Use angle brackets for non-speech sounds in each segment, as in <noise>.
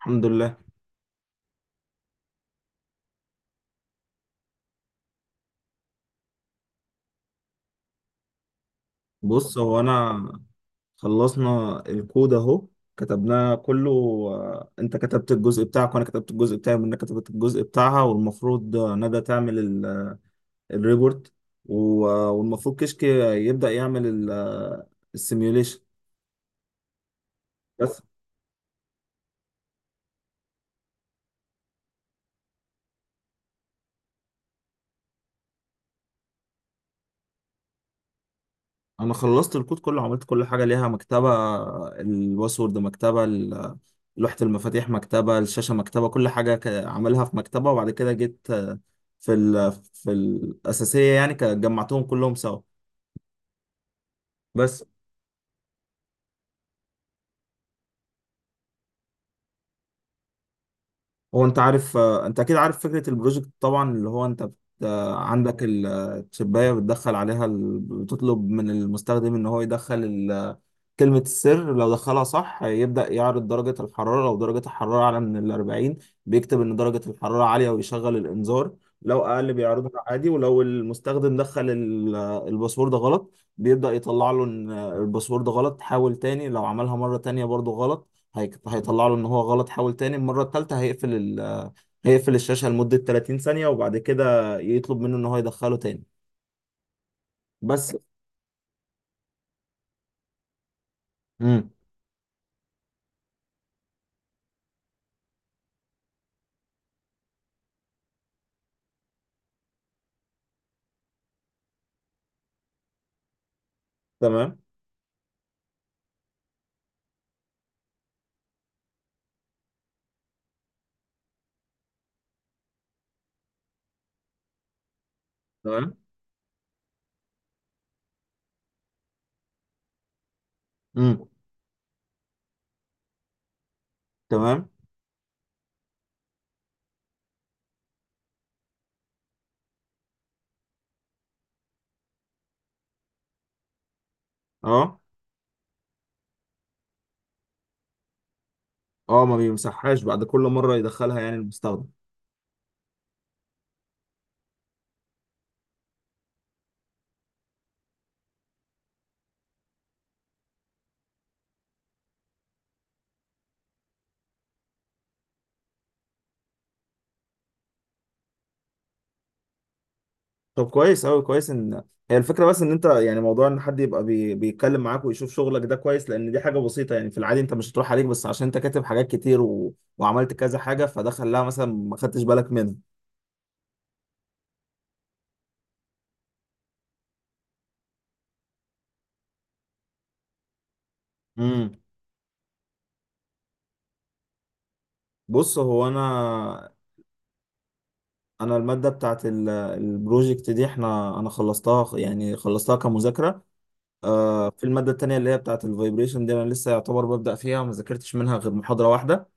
الحمد لله. بص، هو انا خلصنا الكود اهو، كتبناه كله. انت كتبت الجزء بتاعك وانا كتبت الجزء بتاعي ومنى كتبت الجزء بتاعها، والمفروض ندى تعمل الريبورت والمفروض كشك يبدأ يعمل السيميوليشن. انا خلصت الكود كله، عملت كل حاجه ليها مكتبه. الباسورد مكتبه، لوحه المفاتيح مكتبه، الشاشه مكتبه، كل حاجه عاملها في مكتبه، وبعد كده جيت في الاساسيه يعني جمعتهم كلهم سوا بس. هو انت عارف، انت اكيد عارف فكره البروجكت طبعا، اللي هو انت عندك الشبايه بتدخل عليها، بتطلب من المستخدم ان هو يدخل كلمة السر، لو دخلها صح يبدأ يعرض درجة الحرارة. لو درجة الحرارة أعلى من 40 بيكتب إن درجة الحرارة عالية ويشغل الإنذار، لو أقل بيعرضها عادي. ولو المستخدم دخل الباسورد غلط بيبدأ يطلع له إن الباسورد غلط، حاول تاني. لو عملها مرة تانية برضه غلط هيطلع له إن هو غلط، حاول تاني. المرة التالتة هيقفل الشاشة لمدة 30 ثانية، وبعد كده يطلب منه إن هو يدخله تاني بس. امم. تمام. تمام. امم. تمام. أه. اه، ما بيمسحهاش بعد كل مره يدخلها يعني المستخدم. طب كويس اوي، كويس ان هي الفكره. بس ان انت يعني موضوع ان حد يبقى بيتكلم معاك ويشوف شغلك ده كويس، لان دي حاجه بسيطه يعني. في العادي انت مش هتروح عليك بس عشان انت كاتب حاجات كتير وعملت كذا حاجه، فده خلاها مثلا ما خدتش بالك منها. امم. بص، هو انا الماده بتاعت البروجكت دي احنا، انا خلصتها يعني، خلصتها كمذاكره. آه، في الماده التانية اللي هي بتاعت الفايبريشن دي انا لسه يعتبر ببدا فيها، ما ذاكرتش منها غير محاضره واحده.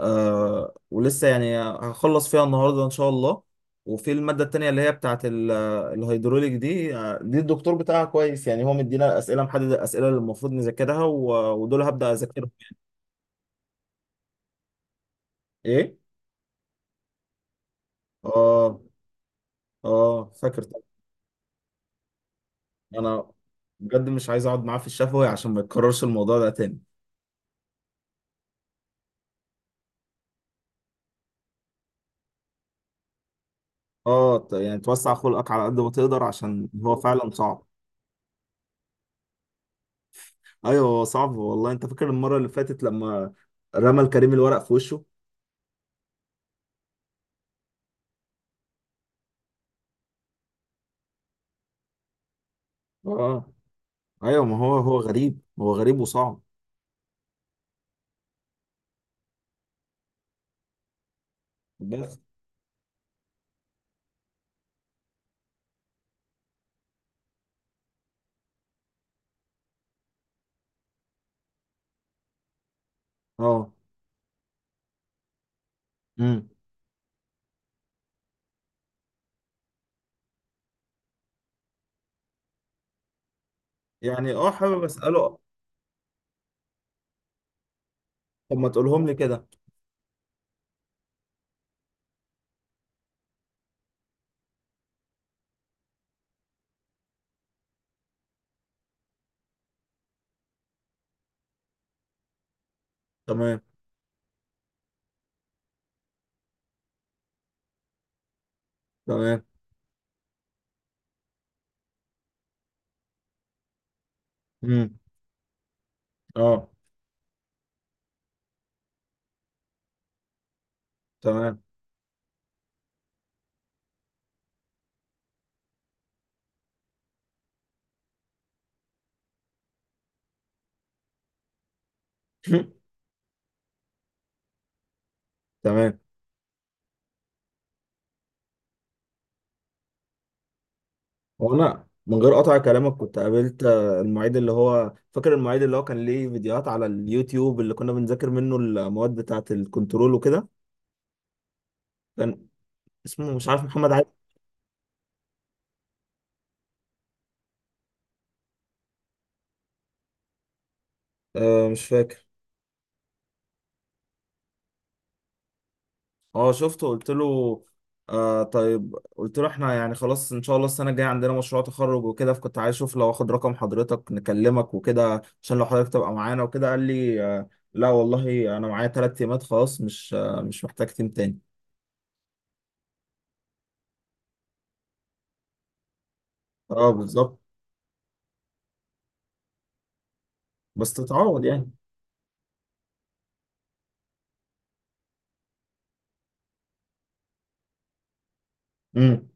آه، ولسه يعني هخلص فيها النهارده ان شاء الله. وفي الماده التانيه اللي هي بتاعه الهيدروليك دي، دي الدكتور بتاعها كويس يعني، هو مدينا اسئله، محدد الاسئله اللي المفروض نذاكرها، ودول هبدا اذاكرهم. ايه؟ اه. اه، فاكر طبعا. انا بجد مش عايز اقعد معاه في الشفوي عشان ما يتكررش الموضوع ده تاني. اه، يعني توسع خلقك على قد ما تقدر عشان هو فعلا صعب. ايوه، هو صعب والله. انت فاكر المره اللي فاتت لما رمى الكريم الورق في وشه؟ اه، ايوه. ما هو هو غريب، هو غريب وصعب. بس. اه. امم. يعني اه، حابب اساله. طب ما تقولهم لي كده. تمام. تمام. امم. اه. تمام. <laughs> تمام. هو انا من غير قطع كلامك كنت قابلت المعيد، اللي هو فاكر المعيد اللي هو كان ليه فيديوهات على اليوتيوب اللي كنا بنذاكر منه المواد بتاعه الكنترول وكده. كان اسمه مش عارف، محمد عادل. آه، مش فاكر. اه، شفته، قلت له آه طيب، قلت له احنا يعني خلاص ان شاء الله السنه الجايه عندنا مشروع تخرج وكده، فكنت عايز اشوف لو اخد رقم حضرتك نكلمك وكده، عشان لو حضرتك تبقى معانا وكده. قال لي لا والله انا معايا ثلاث تيمات، خلاص مش محتاج تيم تاني. اه، بالظبط. بس تتعوض يعني. امم.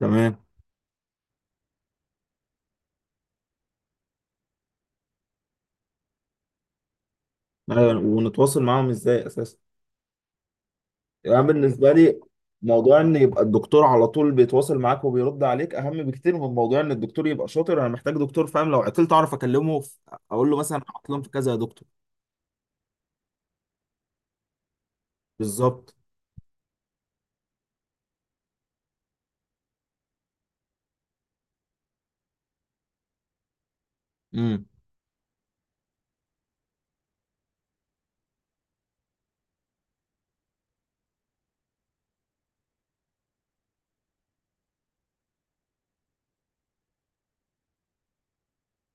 تمام. ايوه، ونتواصل معاهم ازاي اساسا؟ يعني أنا بالنسبه لي موضوع ان يبقى الدكتور على طول بيتواصل معاك وبيرد عليك اهم بكتير من موضوع ان الدكتور يبقى شاطر. انا محتاج دكتور فاهم، لو عطلت اعرف اكلمه في... اقول له مثلا عطلان في كذا يا دكتور. بالظبط. امم.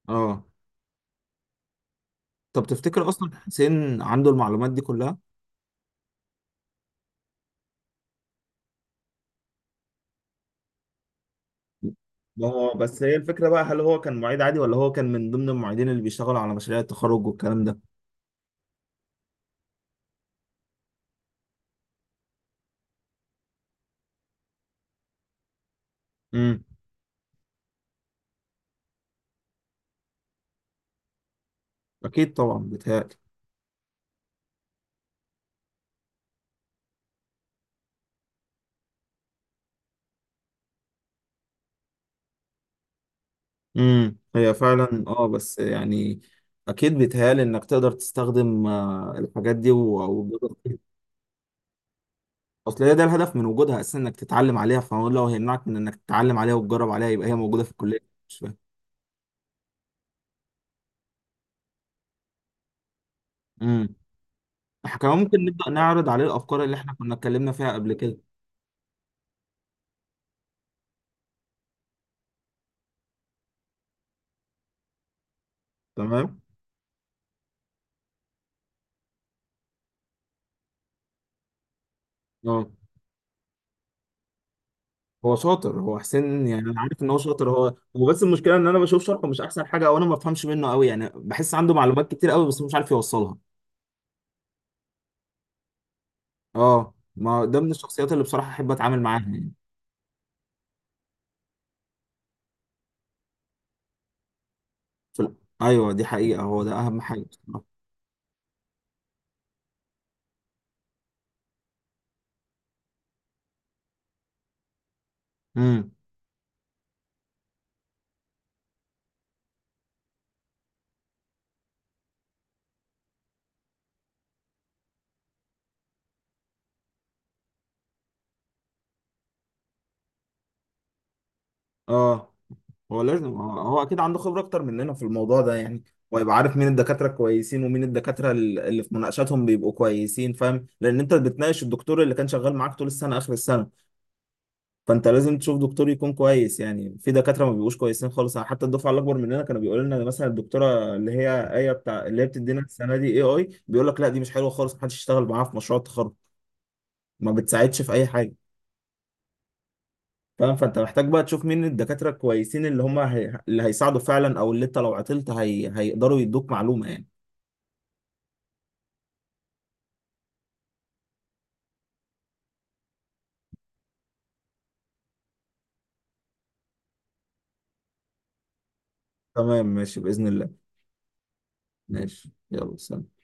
اه، طب تفتكر اصلا حسين عنده المعلومات دي كلها؟ ما هو بس هي الفكره بقى، هل هو كان معيد عادي ولا هو كان من ضمن المعيدين اللي بيشتغلوا على مشاريع التخرج والكلام ده. امم. اكيد طبعا بيتهيألي. امم. هي فعلا اه، بس يعني اكيد بيتهيألي انك تقدر تستخدم الحاجات دي وتجرب فيها. اصل هي ده الهدف من وجودها اساسا، انك تتعلم عليها. فهو لو هيمنعك من انك تتعلم عليها وتجرب عليها، يبقى هي موجوده في الكليه مش فاهم. امم. احنا كمان ممكن نبدا نعرض عليه الافكار اللي احنا كنا اتكلمنا فيها قبل كده. تمام. اه. هو شاطر هو حسين يعني، انا عارف ان هو شاطر. هو بس المشكله ان انا بشوف شرحه مش احسن حاجه، او انا ما بفهمش منه قوي يعني، بحس عنده معلومات كتير قوي بس مش عارف يوصلها. اه، ما ده من الشخصيات اللي بصراحة احب اتعامل معاها يعني. في ال- ايوه، دي حقيقة، هو ده اهم حاجة بصراحة. امم. اه، هو لازم، هو هو اكيد عنده خبرة اكتر مننا في الموضوع ده يعني، ويبقى عارف مين الدكاترة كويسين ومين الدكاترة اللي في مناقشاتهم بيبقوا كويسين، فاهم؟ لان انت بتناقش الدكتور اللي كان شغال معاك طول السنة اخر السنة. فانت لازم تشوف دكتور يكون كويس يعني، في دكاترة ما بيبقوش كويسين خالص يعني. حتى الدفعة الاكبر مننا كانوا بيقولوا لنا مثلا الدكتورة اللي هي ايه بتاع، اللي هي بتدينا السنة دي AI، بيقول لك لا دي مش حلوة خالص، محدش يشتغل معاها في مشروع التخرج. ما بتساعدش في اي حاجه، فاهم؟ فانت محتاج بقى تشوف مين الدكاتره الكويسين، اللي هم اللي هيساعدوا فعلا، او اللي انت لو عطلت هيقدروا يدوك معلومه يعني. تمام، ماشي باذن الله. ماشي، يلا سلام.